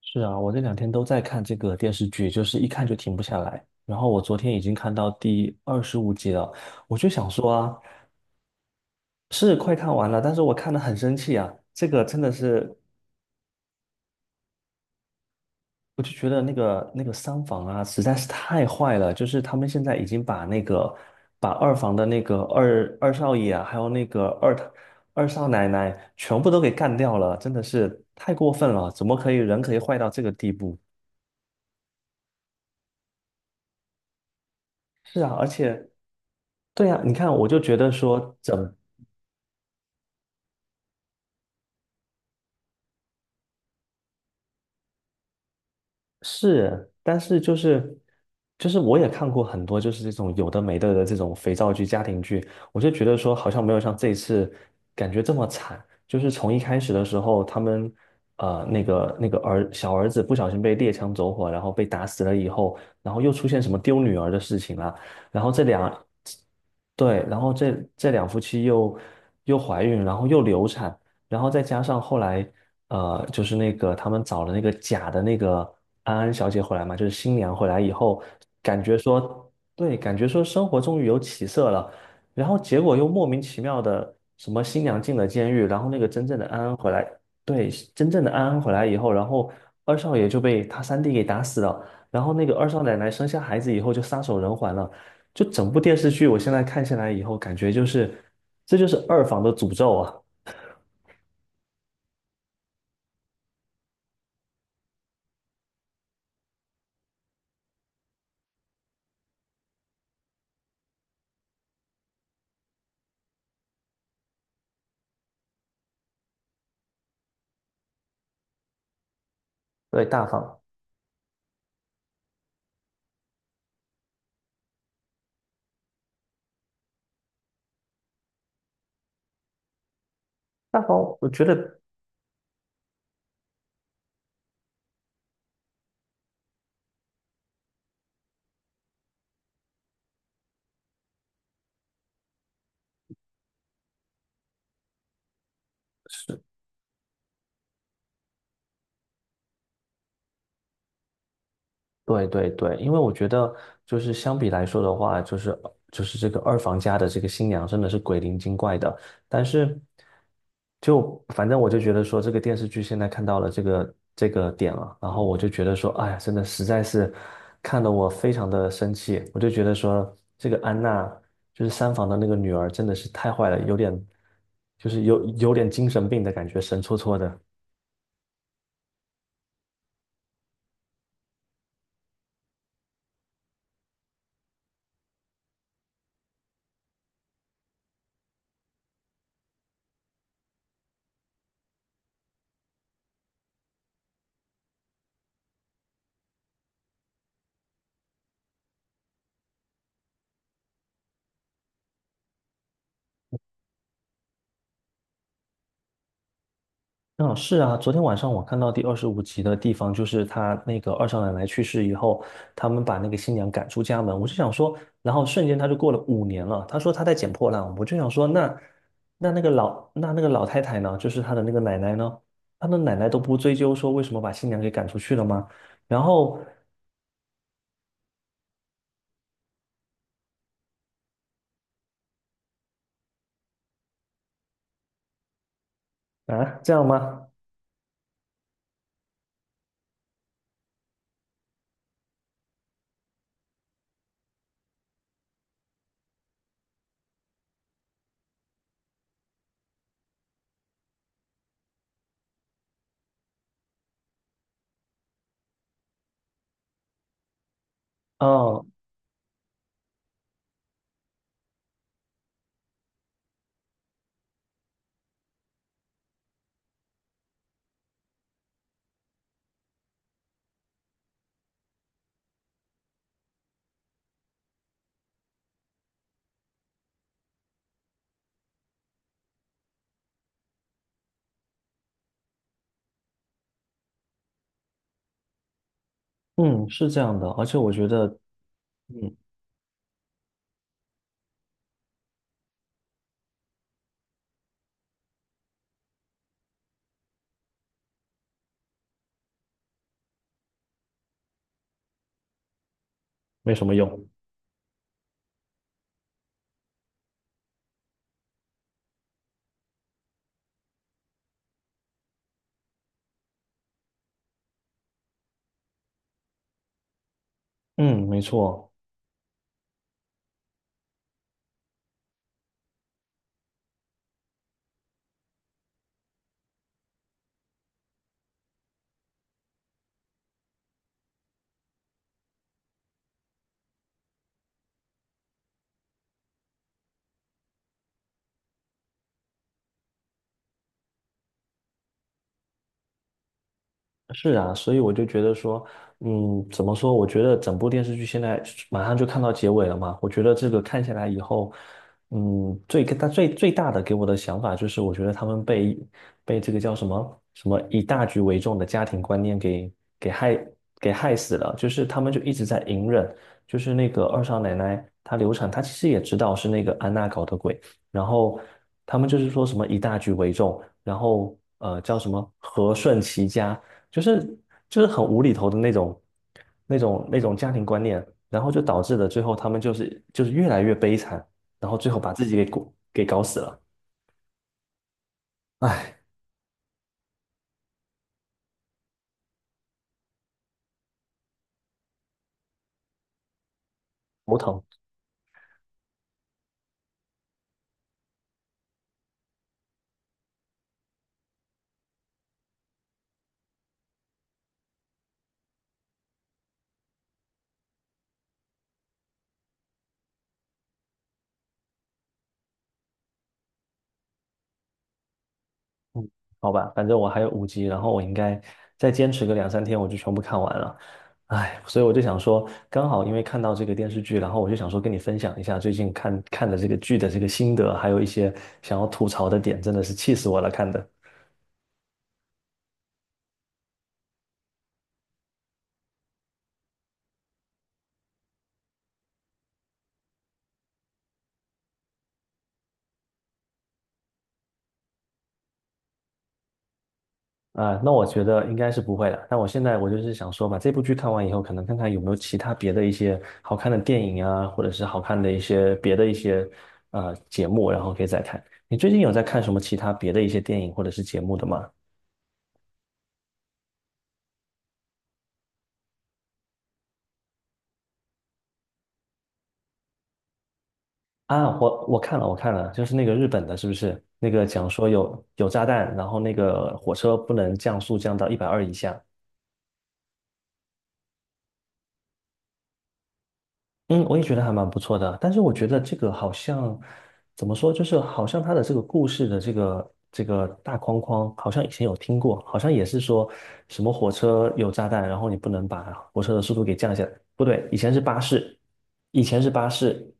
是啊，我这两天都在看这个电视剧，就是一看就停不下来。然后我昨天已经看到第二十五集了，我就想说啊，是快看完了，但是我看得很生气啊。这个真的是，我就觉得那个三房啊，实在是太坏了。就是他们现在已经把二房的那个二少爷啊，还有那个二少奶奶全部都给干掉了，真的是太过分了。怎么可以人可以坏到这个地步？是啊，而且。对呀，你看，我就觉得说，是，但是就是我也看过很多就是这种有的没的的这种肥皂剧、家庭剧，我就觉得说好像没有像这一次感觉这么惨。就是从一开始的时候，他们呃那个那个儿小儿子不小心被猎枪走火，然后被打死了以后，然后又出现什么丢女儿的事情啦，然后对，然后这两夫妻又怀孕，然后又流产，然后再加上后来。就是那个他们找了那个假的那个安安小姐回来嘛，就是新娘回来以后，感觉说，对，感觉说生活终于有起色了，然后结果又莫名其妙的什么新娘进了监狱，然后那个真正的安安回来，对，真正的安安回来以后，然后二少爷就被他三弟给打死了，然后那个二少奶奶生下孩子以后就撒手人寰了，就整部电视剧我现在看下来以后，感觉就是这就是二房的诅咒啊，对，大房。大房，我觉得对对对，因为我觉得就是相比来说的话，就是这个二房家的这个新娘真的是鬼灵精怪的，但是就反正我就觉得说这个电视剧现在看到了这个点了，然后我就觉得说，哎呀，真的实在是看得我非常的生气，我就觉得说这个安娜就是三房的那个女儿真的是太坏了，有点就是有有点精神病的感觉，神戳戳的。嗯，是啊，昨天晚上我看到第二十五集的地方，就是他那个二少奶奶去世以后，他们把那个新娘赶出家门。我就想说，然后瞬间他就过了5年了。他说他在捡破烂，我就想说，那个老太太呢，就是他的那个奶奶呢，他的奶奶都不追究说为什么把新娘给赶出去了吗？然后啊，这样吗？哦，嗯，是这样的，而且我觉得嗯没什么用，嗯，没错。是啊，所以我就觉得说，怎么说？我觉得整部电视剧现在马上就看到结尾了嘛。我觉得这个看下来以后，最大最最大的给我的想法就是，我觉得他们被这个叫什么以大局为重的家庭观念给给害害死了。就是他们就一直在隐忍，就是那个二少奶奶她流产，她其实也知道是那个安娜搞的鬼，然后他们就是说什么以大局为重，然后叫什么和顺齐家。就是就是很无厘头的那种家庭观念，然后就导致了最后他们就是越来越悲惨，然后最后把自己给搞死了，唉，头疼。好吧，反正我还有五集，然后我应该再坚持个两三天，我就全部看完了。唉，所以我就想说，刚好因为看到这个电视剧，然后我就想说跟你分享一下最近看看的这个剧的这个心得，还有一些想要吐槽的点，真的是气死我了，看的。啊，那我觉得应该是不会的。但我现在就是想说，把这部剧看完以后，可能看看有没有其他别的一些好看的电影啊，或者是好看的一些别的一些节目，然后可以再看。你最近有在看什么其他别的一些电影或者是节目的吗？啊，我我看了，我看了，就是那个日本的，是不是？那个讲说有炸弹，然后那个火车不能降速降到120以下。嗯，我也觉得还蛮不错的，但是我觉得这个好像怎么说，就是好像他的这个故事的这个大框框，好像以前有听过，好像也是说什么火车有炸弹，然后你不能把火车的速度给降下来，不对，以前是巴士，以前是巴士，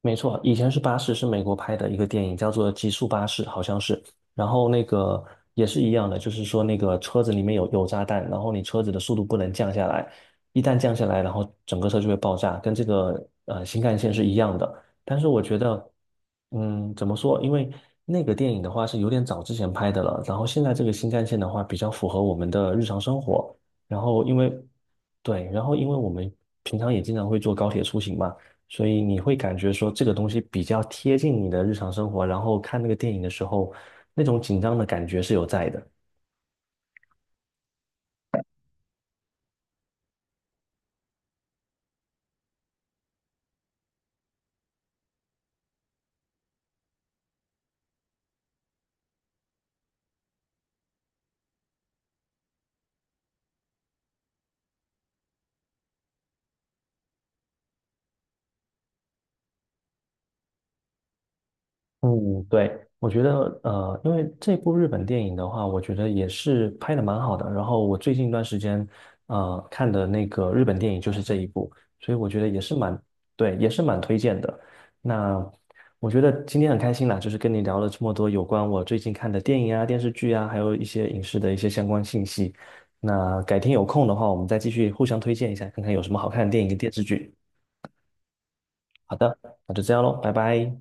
没错，以前是巴士，是美国拍的一个电影，叫做《极速巴士》，好像是。然后那个也是一样的，就是说那个车子里面有炸弹，然后你车子的速度不能降下来，一旦降下来，然后整个车就会爆炸，跟这个新干线是一样的。但是我觉得，怎么说？因为那个电影的话是有点早之前拍的了，然后现在这个新干线的话比较符合我们的日常生活。然后对，然后因为我们平常也经常会坐高铁出行嘛。所以你会感觉说这个东西比较贴近你的日常生活，然后看那个电影的时候，那种紧张的感觉是有在的。嗯，对，我觉得，因为这部日本电影的话，我觉得也是拍的蛮好的。然后我最近一段时间，看的那个日本电影就是这一部，所以我觉得也是对，也是蛮推荐的。那我觉得今天很开心啦，就是跟你聊了这么多有关我最近看的电影啊、电视剧啊，还有一些影视的一些相关信息。那改天有空的话，我们再继续互相推荐一下，看看有什么好看的电影跟电视剧。好的，那就这样喽，拜拜。